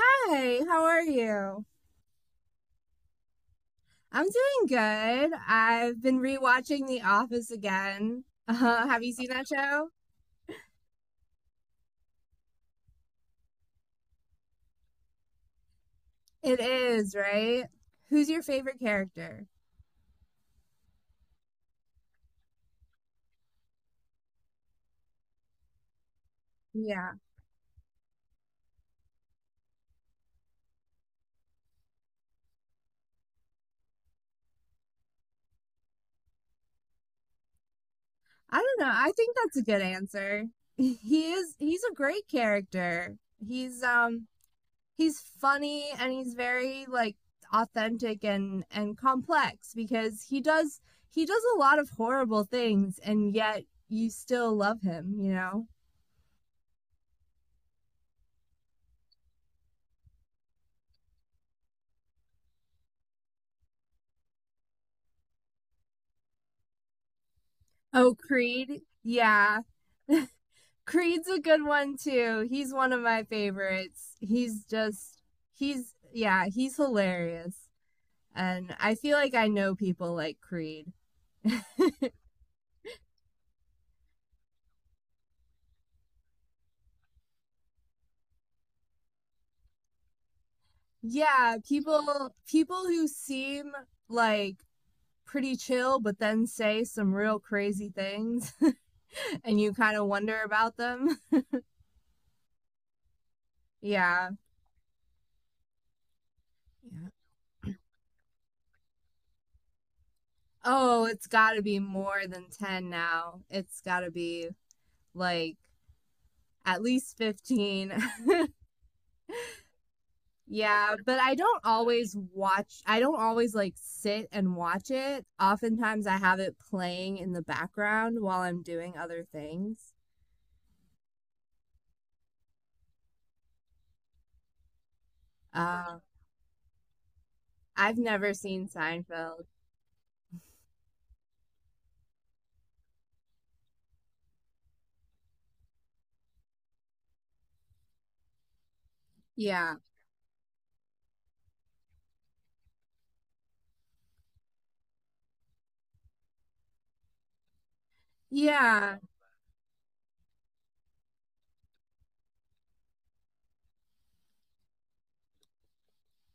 Hey, how are you? I'm doing good. I've been rewatching The Office again. Have you seen that show? It is, right? Who's your favorite character? Yeah. I don't know. I think that's a good answer. He's a great character. He's um he's funny and he's very like authentic and complex because he does a lot of horrible things and yet you still love him, you know? Oh, Creed. Yeah. Creed's a good one too. He's one of my favorites. He's just he's yeah, he's hilarious. And I feel like I know people like Creed. Yeah, people who seem like pretty chill but then say some real crazy things and you kind of wonder about them. Yeah. Yeah. Oh, it's got to be more than 10 now. It's got to be like at least 15. Yeah, but I don't always like sit and watch it. Oftentimes I have it playing in the background while I'm doing other things. Uh, I've never seen Seinfeld. Yeah. Yeah.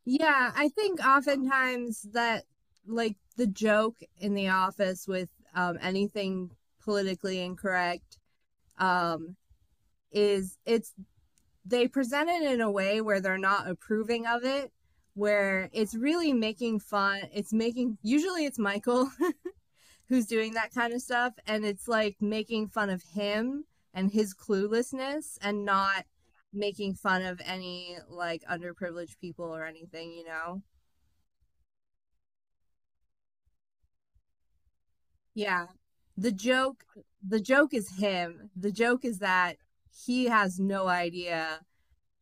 Yeah. I think oftentimes that like the joke in the office with anything politically incorrect um, is it's they present it in a way where they're not approving of it, where it's really making fun. Usually it's Michael who's doing that kind of stuff, and it's like making fun of him and his cluelessness and not making fun of any like underprivileged people or anything, you know? Yeah. The joke the joke is him. The joke is that he has no idea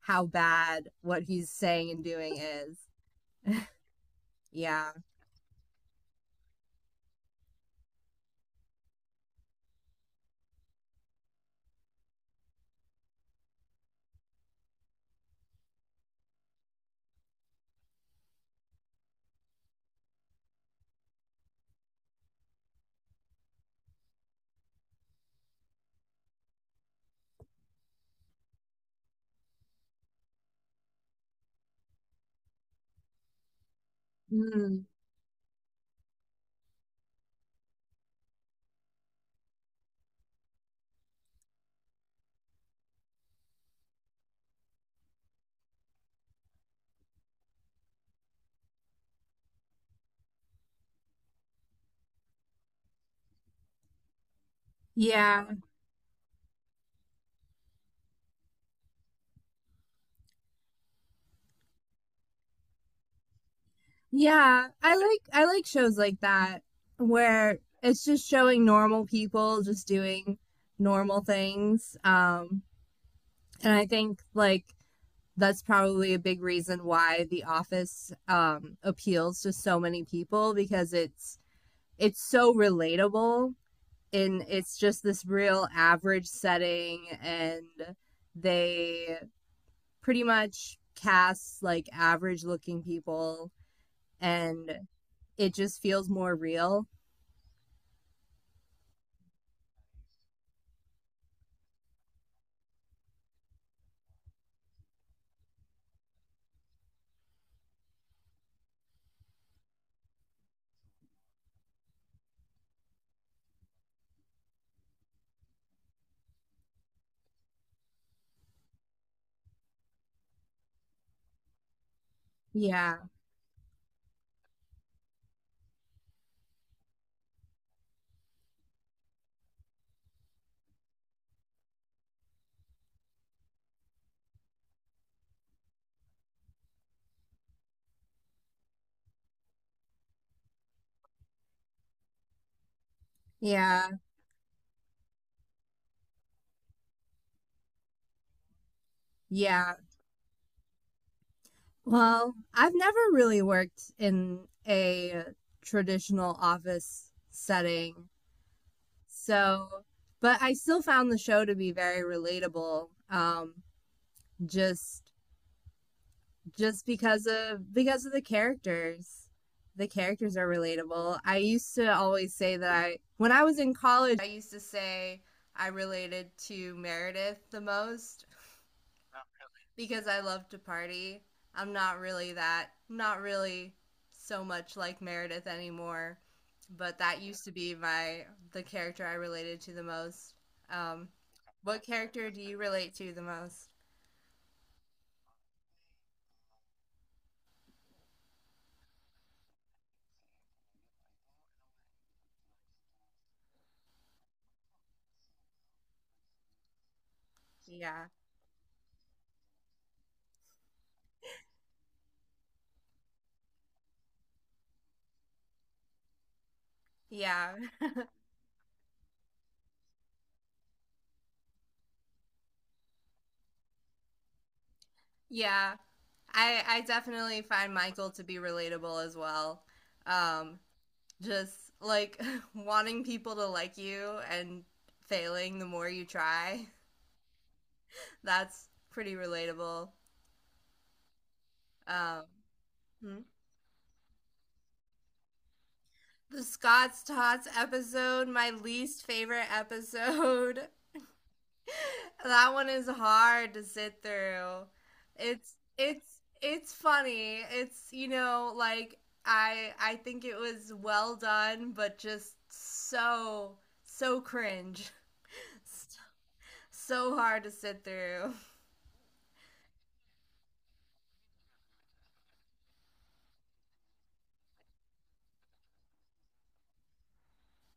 how bad what he's saying and doing is. Yeah. Mm. Yeah. Yeah. I like shows like that where it's just showing normal people just doing normal things. And I think like that's probably a big reason why The Office appeals to so many people because it's so relatable and it's just this real average setting and they pretty much cast like average looking people and it just feels more real. Yeah. Yeah. Yeah. Well, I've never really worked in a traditional office setting. So, but I still found the show to be very relatable. Just just because of the characters. The characters are relatable. I used to always say that I when I was in college, I used to say I related to Meredith the most because I love to party. I'm not really that, not really so much like Meredith anymore, but that used to be my the character I related to the most. Um, what character do you relate to the most? Yeah, yeah, yeah. I definitely find Michael to be relatable as well. Um, just like wanting people to like you and failing the more you try. That's pretty relatable. Um, hmm? The Scott's Tots episode, my least favorite episode. That one is hard to sit through. It's funny. It's you know like I think it was well done, but just so cringe, so hard to sit through.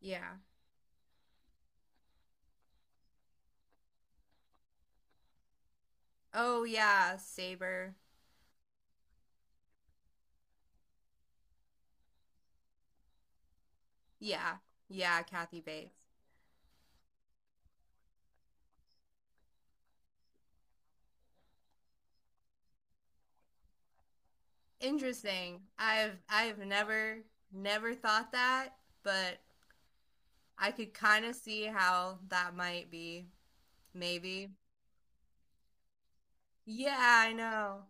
Yeah. Oh yeah, Saber. Yeah, yeah, Kathy Bates. Interesting. I've never never thought that, but I could kind of see how that might be. Maybe. Yeah, I know.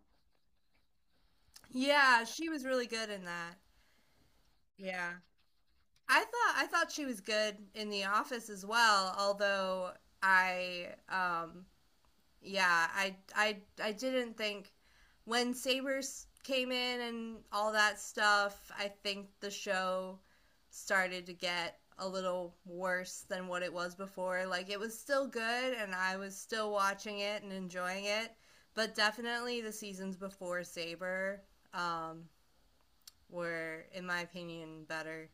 Yeah, she was really good in that. Yeah. I thought she was good in The Office as well, although I yeah, I I didn't think when Sabers came in and all that stuff, I think the show started to get a little worse than what it was before. Like it was still good and I was still watching it and enjoying it, but definitely the seasons before Saber um were in my opinion better.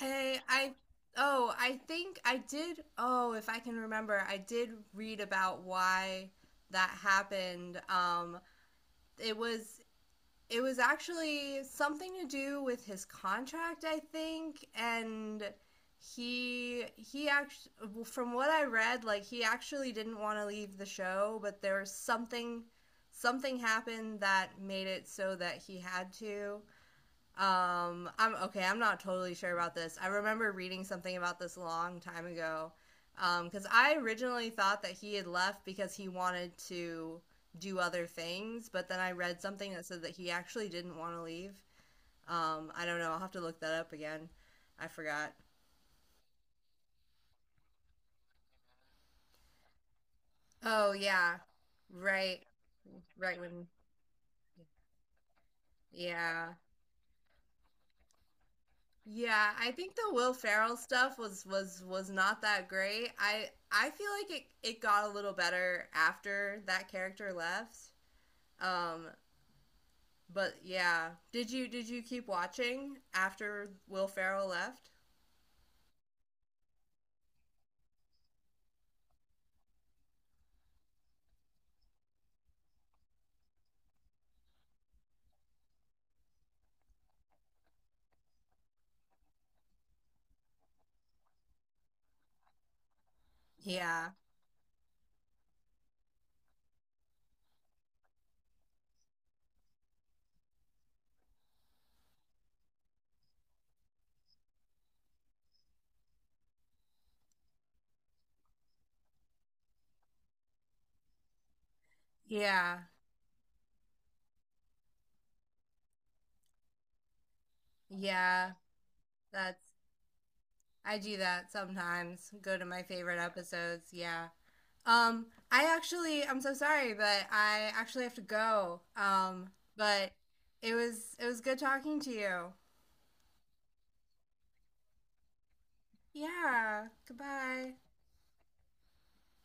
I oh, I think if I can remember, I did read about why that happened. It was it was actually something to do with his contract, I think, and he actually from what I read, like he actually didn't want to leave the show, but there was something something happened that made it so that he had to. I'm okay. I'm not totally sure about this. I remember reading something about this a long time ago. Because I originally thought that he had left because he wanted to do other things, but then I read something that said that he actually didn't want to leave. I don't know. I'll have to look that up again. I forgot. Oh yeah, right, right when yeah. Yeah, I think the Will Ferrell stuff was was not that great. I feel like it got a little better after that character left. Um, but yeah, did you keep watching after Will Ferrell left? Yeah. Yeah. Yeah. That's I do that sometimes. Go to my favorite episodes. Yeah. I actually I'm so sorry, but I actually have to go. But it was good talking to you. Yeah. Goodbye.